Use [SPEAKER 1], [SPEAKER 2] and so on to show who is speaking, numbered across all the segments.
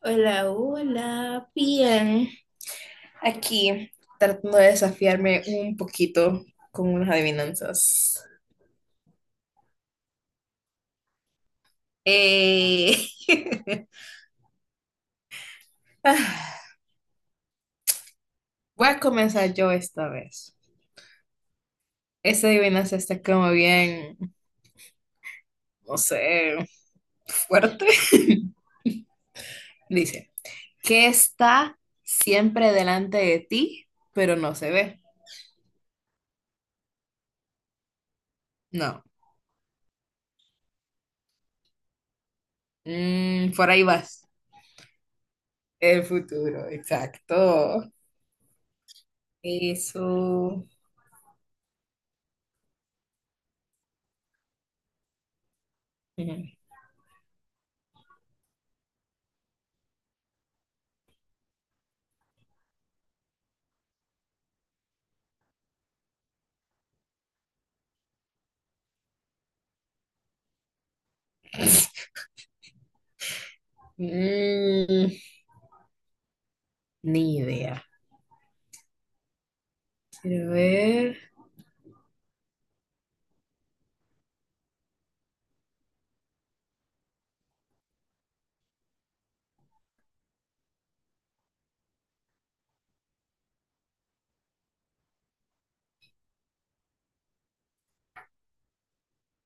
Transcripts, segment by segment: [SPEAKER 1] Hola, hola, bien. Aquí tratando de desafiarme un poquito con unas adivinanzas. Eh, Voy a comenzar yo esta vez. Esta adivinanza está como bien, no sé, fuerte. Dice, ¿qué está siempre delante de ti, pero no se ve? No. Por ahí vas. El futuro, exacto. Eso. Ujú. Mm, Ni idea. Quiero ver.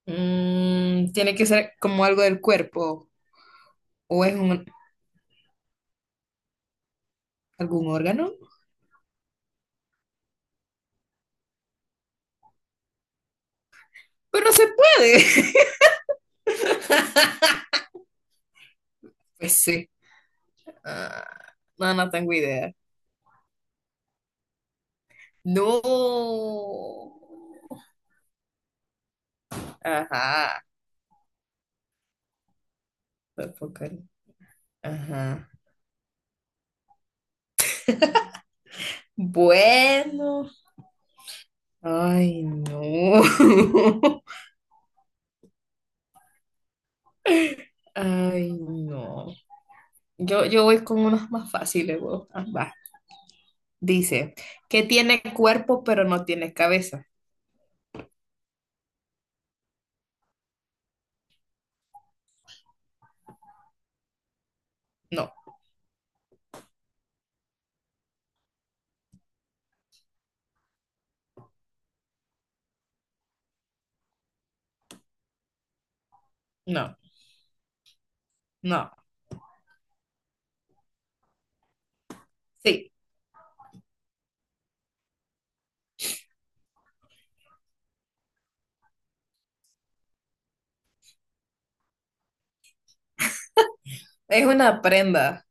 [SPEAKER 1] Tiene que ser como algo del cuerpo o es algún órgano. Pero se puede. Pues sí. Ah, no, no tengo idea. No. Ajá. Tampoco. Ajá. Bueno. Ay, no. Ay, no. Yo voy con unas más fáciles, vos. Ah, va. Dice, que tiene cuerpo pero no tiene cabeza. No, no, no. Sí, es una prenda.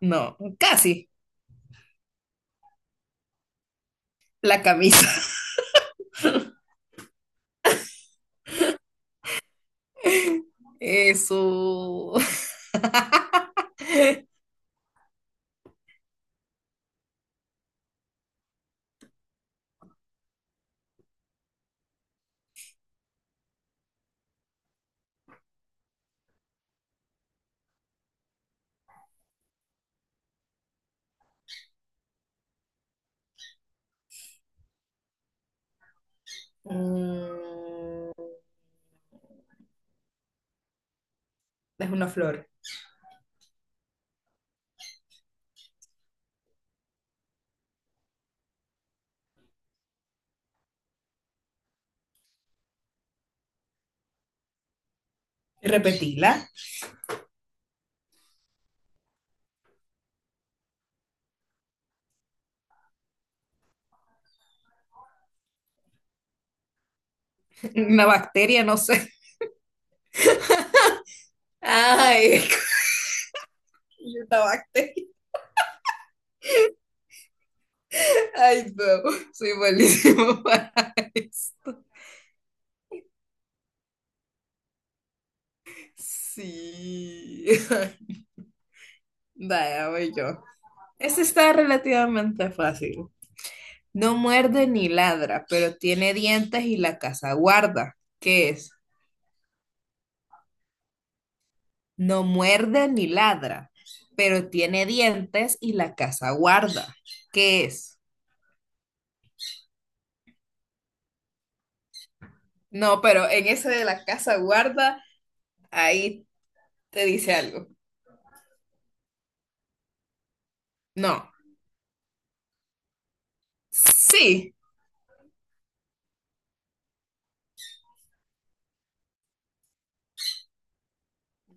[SPEAKER 1] No, casi. La camisa. Eso. Mm, es una flor. Repetila. Una bacteria, no sé. Ay, una bacteria. Ay, no. Soy malísimo para esto. Sí. Vaya, voy yo. Este está relativamente fácil. No muerde ni ladra, pero tiene dientes y la casa guarda. ¿Qué es? No muerde ni ladra, pero tiene dientes y la casa guarda. ¿Qué es? No, pero en ese de la casa guarda, ahí te dice algo. No. Sí.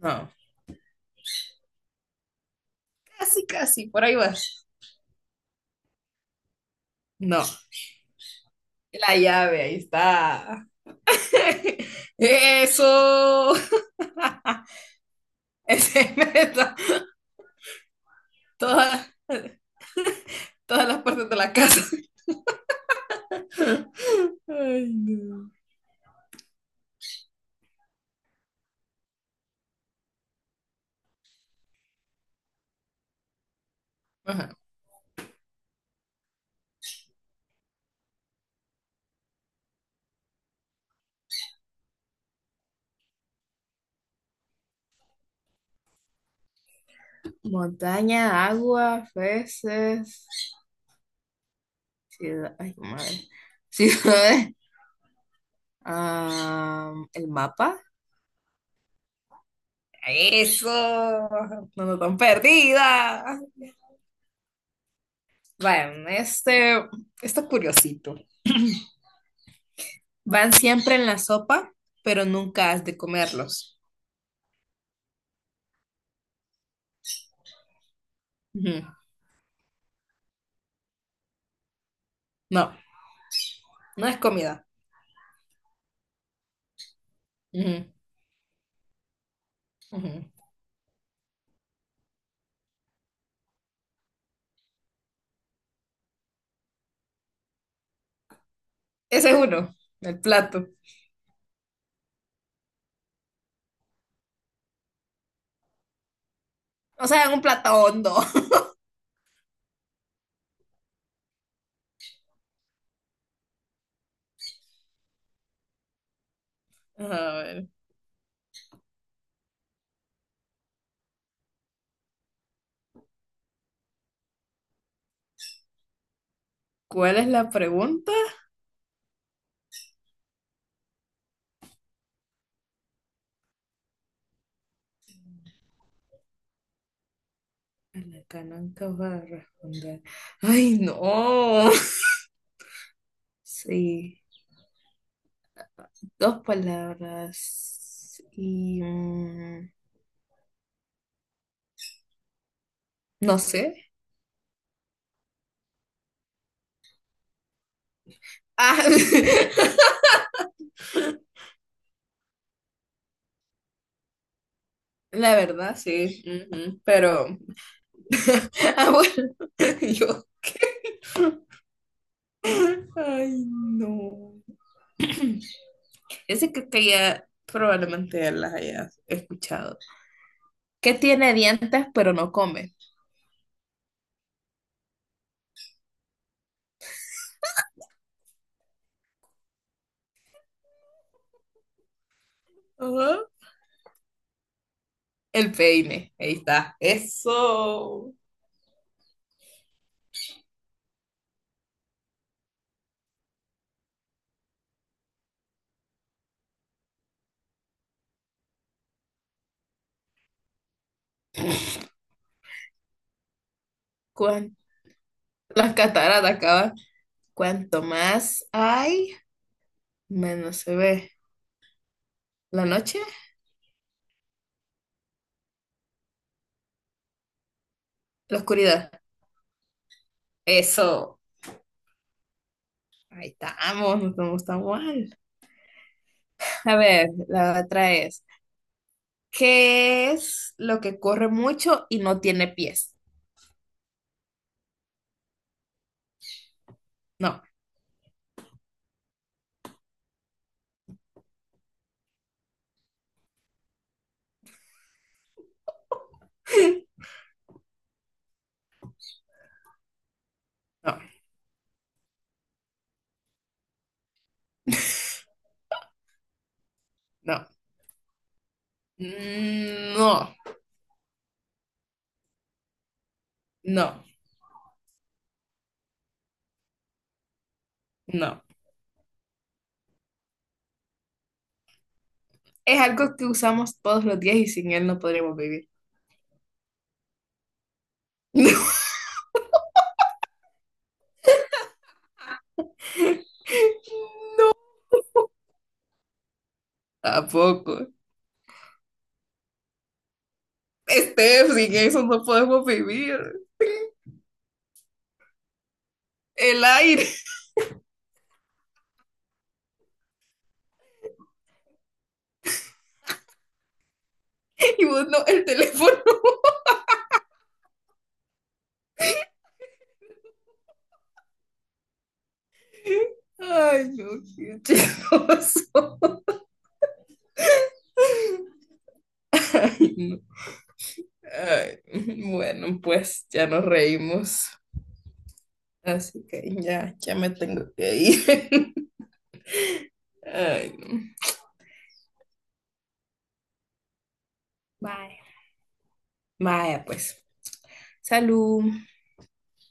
[SPEAKER 1] No. Casi, casi, por ahí vas. No. La llave, ahí está. Eso. Ese me todas, todas las partes de la casa. Ay, no. Ajá. Montaña, agua, peces, ciudad. Ay, madre. Ciudades. El mapa. Eso. No nos tan perdida. Bueno, este, esto es curiosito. Van siempre en la sopa, pero nunca has de comerlos. Ujú. No, no es comida. Ujú, ujú. Ese es uno, el plato. O sea, en un plato hondo. A ver, ¿cuál es la pregunta? A la cananca va a responder. Ay, no. Sí, dos palabras y no sé. Ah, la verdad, sí. Ujú. Pero, ah, bueno, yo. Ay, no. Ese creo que ya probablemente las hayas escuchado. Que tiene dientes pero no come. Ajá. El peine. Ahí está. Eso. ¿Cuán- Las cataratas acaban. Cuanto más hay, menos se ve. La noche, la oscuridad. Eso. Ahí estamos, no estamos tan mal. A ver, la otra es, ¿qué es lo que corre mucho y no tiene pies? No, no, no. Mm. No, no, no. Es algo que usamos todos los días y sin él no podríamos vivir. Tampoco. Steph, sin eso no podemos vivir. El aire y vos no, el teléfono. Ay, no, qué asqueroso. Ay, no. Ay, bueno, pues ya nos reímos. Así que ya, ya me tengo que ir. Ay, no. Bye. Vaya, pues. Salud.